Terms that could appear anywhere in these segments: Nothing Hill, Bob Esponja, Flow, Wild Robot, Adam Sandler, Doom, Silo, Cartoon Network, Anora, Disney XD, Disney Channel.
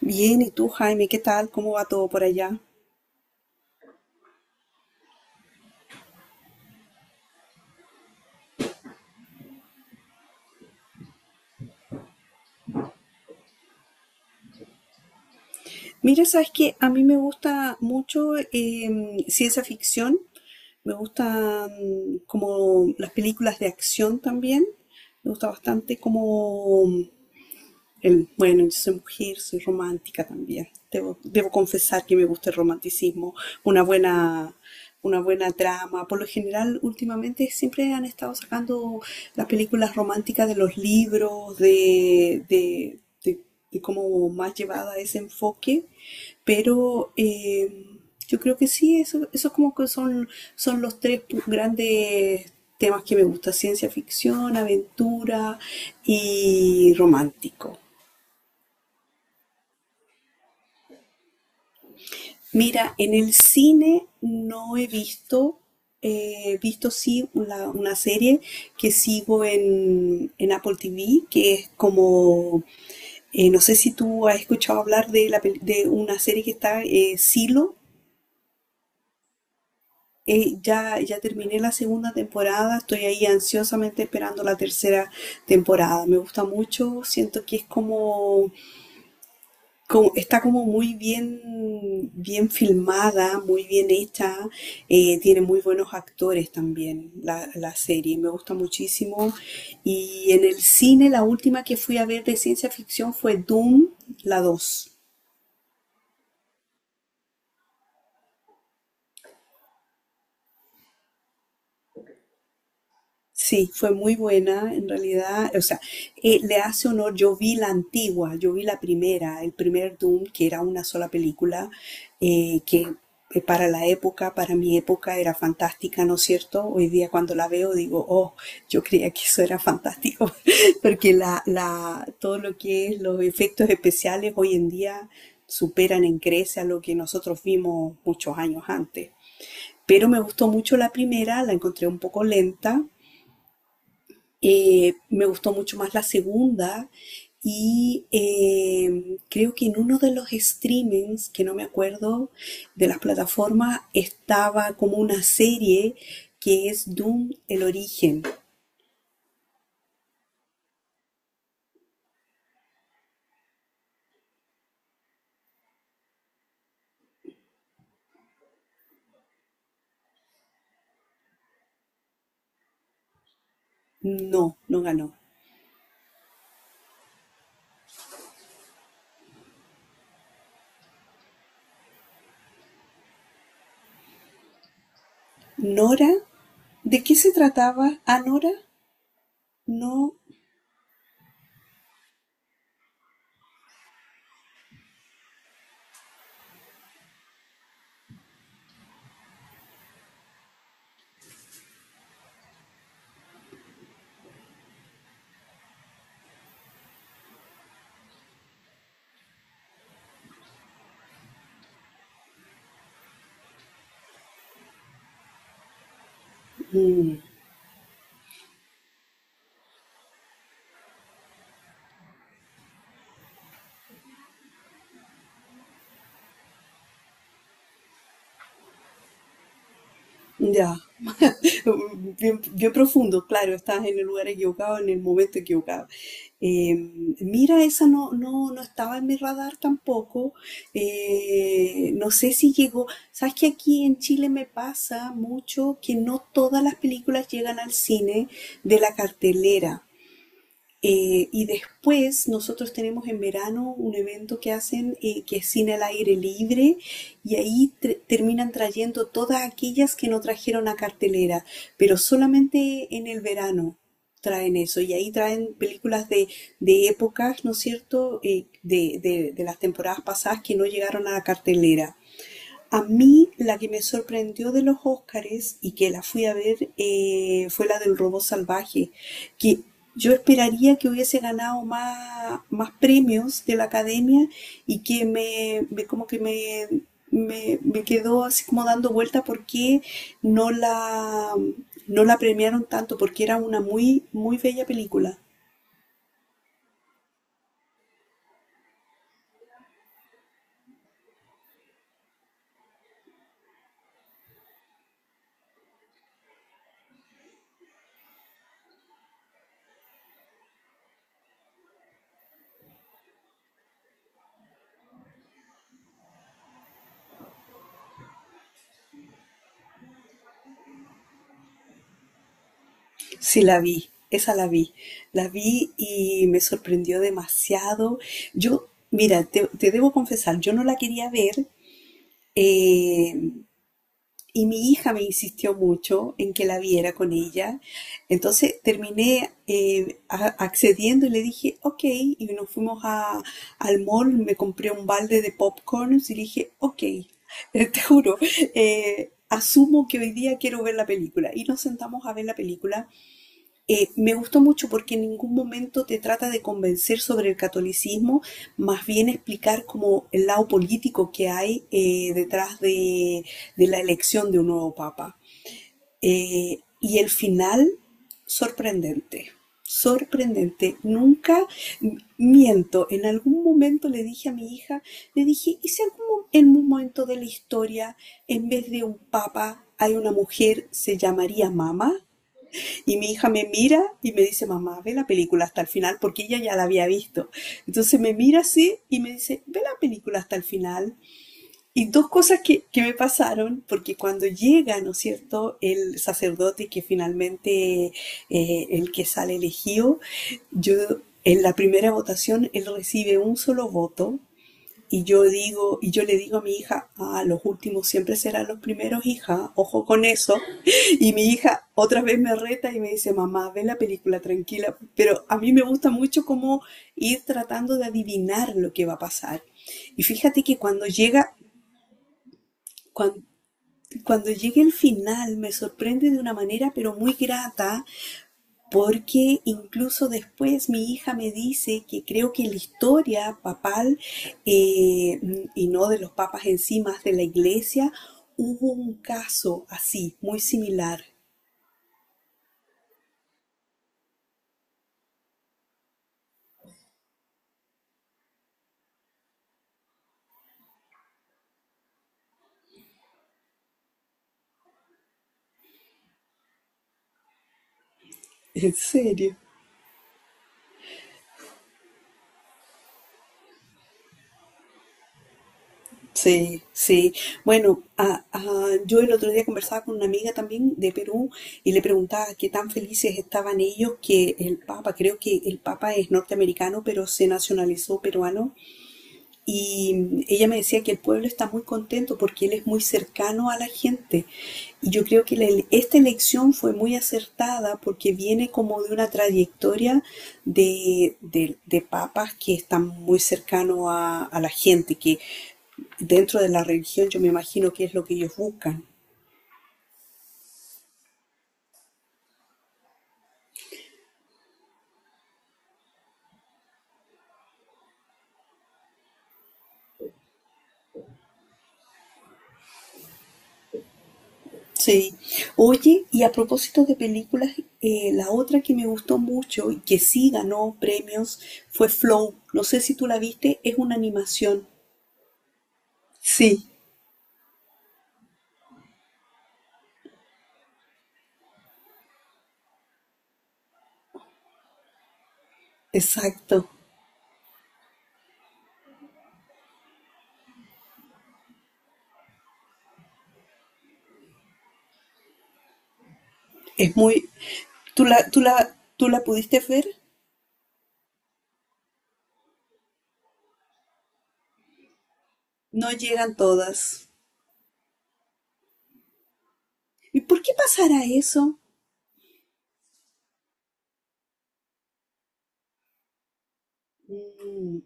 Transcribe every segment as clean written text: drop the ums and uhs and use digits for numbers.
Bien, ¿y tú, Jaime? ¿Qué tal? ¿Cómo va todo por allá? Mira, sabes que a mí me gusta mucho ciencia ficción, me gustan como las películas de acción también, me gusta bastante como bueno, yo soy mujer, soy romántica también. Debo confesar que me gusta el romanticismo, una buena, una buena trama. Por lo general, últimamente siempre han estado sacando las películas románticas de los libros, de, de cómo más llevada a ese enfoque. Pero yo creo que sí, eso como que son los tres grandes temas que me gusta, ciencia ficción, aventura y romántico. Mira, en el cine no he visto, he visto sí una serie que sigo en Apple TV, que es como, no sé si tú has escuchado hablar de una serie que está, Silo. Ya terminé la segunda temporada, estoy ahí ansiosamente esperando la tercera temporada. Me gusta mucho, siento que es como está como muy bien, bien filmada, muy bien hecha, tiene muy buenos actores también la serie, me gusta muchísimo. Y en el cine la última que fui a ver de ciencia ficción fue Doom, la dos. Sí, fue muy buena en realidad. O sea, le hace honor. Yo vi la antigua, yo vi la primera, el primer Doom, que era una sola película, que para la época, para mi época, era fantástica, ¿no es cierto? Hoy día cuando la veo digo, oh, yo creía que eso era fantástico, porque todo lo que es los efectos especiales hoy en día superan en creces a lo que nosotros vimos muchos años antes. Pero me gustó mucho la primera, la encontré un poco lenta, me gustó mucho más la segunda y creo que en uno de los streamings, que no me acuerdo, de las plataformas, estaba como una serie que es Doom, el origen. No, no ganó. Nora, ¿de qué se trataba? ¿A Nora? No. Mm, ya. Bien, bien profundo, claro, estás en el lugar equivocado, en el momento equivocado. Eh, mira, esa no estaba en mi radar tampoco. No sé si llegó. Sabes que aquí en Chile me pasa mucho que no todas las películas llegan al cine de la cartelera. Y después nosotros tenemos en verano un evento que hacen que es cine al aire libre y ahí terminan trayendo todas aquellas que no trajeron a cartelera, pero solamente en el verano traen eso y ahí traen películas de épocas, ¿no es cierto?, de las temporadas pasadas que no llegaron a la cartelera. A mí la que me sorprendió de los Óscares y que la fui a ver fue la del robot salvaje, que yo esperaría que hubiese ganado más premios de la academia y que como que me quedó así como dando vuelta por qué no la, no la premiaron tanto, porque era una muy bella película. Sí, la vi, esa la vi. La vi y me sorprendió demasiado. Yo, mira, te debo confesar, yo no la quería ver eh, y mi hija me insistió mucho en que la viera con ella. Entonces terminé accediendo y le dije, ok, y nos fuimos al mall, me compré un balde de popcorns y dije, ok, te juro, asumo que hoy día quiero ver la película. Y nos sentamos a ver la película me gustó mucho porque en ningún momento te trata de convencer sobre el catolicismo, más bien explicar como el lado político que hay detrás la elección de un nuevo papa. Y el final, sorprendente, sorprendente. Nunca miento, en algún momento le dije a mi hija, le dije, ¿y si algún, en un momento de la historia, en vez de un papa, hay una mujer, se llamaría mamá? Y mi hija me mira y me dice, mamá, ve la película hasta el final, porque ella ya la había visto. Entonces me mira así y me dice, ve la película hasta el final. Y dos cosas que me pasaron, porque cuando llega, ¿no es cierto?, el sacerdote que finalmente el que sale elegido, yo en la primera votación él recibe un solo voto y yo digo, y yo le digo a mi hija, ah, los últimos siempre serán los primeros, hija, ojo con eso. Y mi hija otra vez me reta y me dice, mamá, ve la película tranquila. Pero a mí me gusta mucho cómo ir tratando de adivinar lo que va a pasar. Y fíjate que cuando llega, cuan- llegue el final, me sorprende de una manera pero muy grata, porque incluso después mi hija me dice que creo que la historia papal, eh, y no de los papas en sí, más de la iglesia, hubo un caso así, muy similar. ¿En serio? Sí, sí. Bueno, ah, ah, yo el otro día conversaba con una amiga también de Perú y le preguntaba qué tan felices estaban ellos que el Papa, creo que el Papa es norteamericano, pero se nacionalizó peruano. Y ella me decía que el pueblo está muy contento porque él es muy cercano a la gente. Y yo creo que la esta elección fue muy acertada porque viene como de una trayectoria de papas que están muy cercanos a la gente, que dentro de la religión yo me imagino que es lo que ellos buscan. Sí. Oye, y a propósito de películas, la otra que me gustó mucho y que sí ganó premios fue Flow. No sé si tú la viste, es una animación. Sí, exacto. Es muy... ¿tú la pudiste ver? No llegan todas. ¿Y por qué pasará eso? Mm,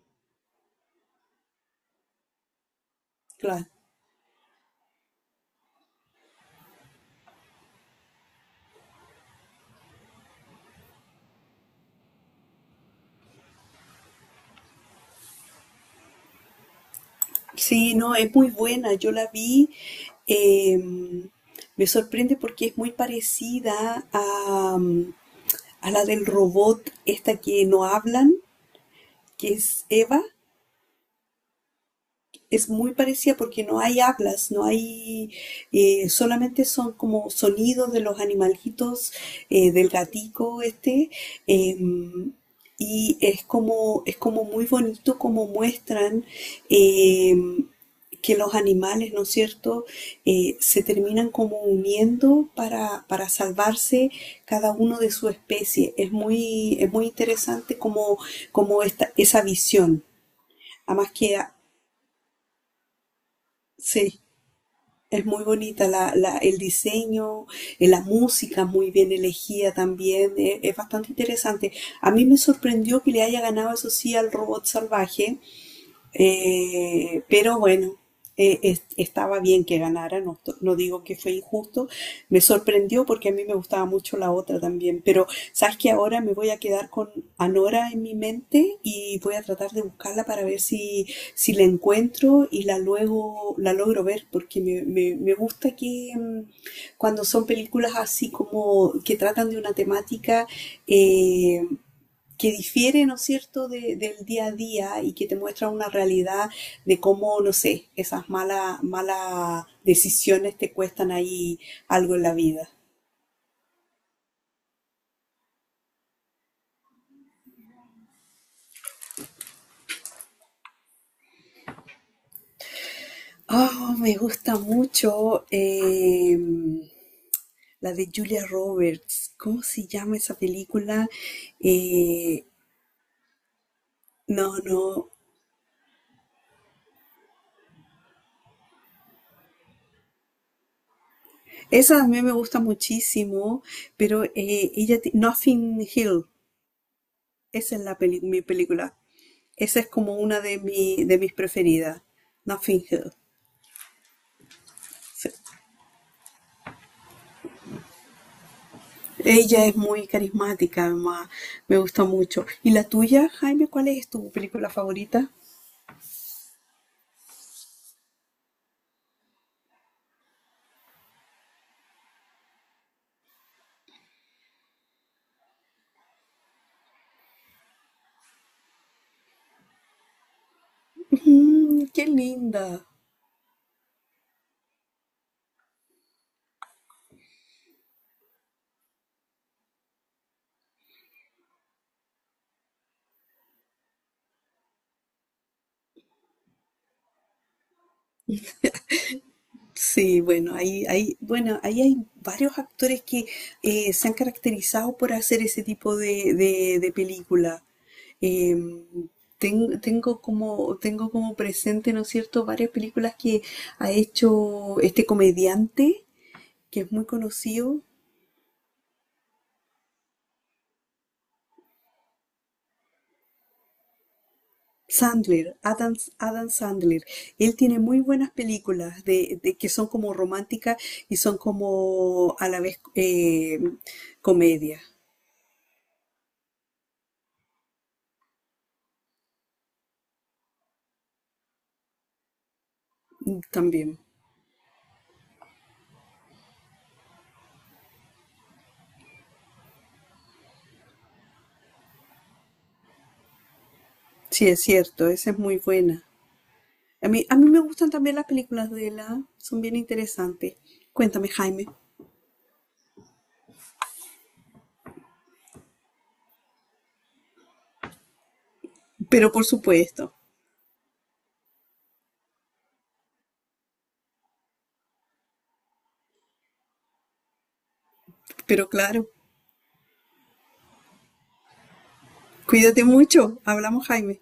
claro. Sí, no, es muy buena. Yo la vi. eh, me sorprende porque es muy parecida a la del robot, esta que no hablan, que es Eva. Es muy parecida porque no hay hablas, no hay, solamente son como sonidos de los animalitos, del gatico este, eh, y es como muy bonito como muestran eh, que los animales, ¿no es cierto?, se terminan como uniendo para salvarse cada uno de su especie. Es muy interesante como esa visión. Además que, ah, sí. Es muy bonita el diseño, la música muy bien elegida también, es bastante interesante. A mí me sorprendió que le haya ganado, eso sí, al robot salvaje, pero bueno, estaba bien que ganara, no, no digo que fue injusto, me sorprendió porque a mí me gustaba mucho la otra también, pero sabes que ahora me voy a quedar con Anora en mi mente y voy a tratar de buscarla para ver si, si la encuentro y la luego la logro ver, porque me gusta que mm, cuando son películas así como que tratan de una temática, eh, que difiere, ¿no es cierto?, del día a día y que te muestra una realidad de cómo, no sé, esas malas decisiones te cuestan ahí algo en la vida. Oh, me gusta mucho la de Julia Roberts. ¿Cómo se llama esa película? Eh, no, no. Esa a mí me gusta muchísimo, pero Nothing Hill, esa es mi película. Esa es como una de, mi, de mis preferidas, Nothing Hill. Sí. Ella es muy carismática, además, me gusta mucho. ¿Y la tuya, Jaime, cuál es tu película favorita? Mm, qué linda. Sí, bueno, ahí, ahí, bueno, ahí hay varios actores que se han caracterizado por hacer ese tipo de película. Eh, tengo como presente, ¿no es cierto?, varias películas que ha hecho este comediante que es muy conocido. Sandler, Adam Sandler. Él tiene muy buenas películas de que son como románticas y son como a la vez comedia mm, también. Sí, es cierto, esa es muy buena. A mí me gustan también las películas de la, son bien interesantes. Cuéntame, Jaime. Pero por supuesto, pero claro, cuídate mucho. Hablamos, Jaime.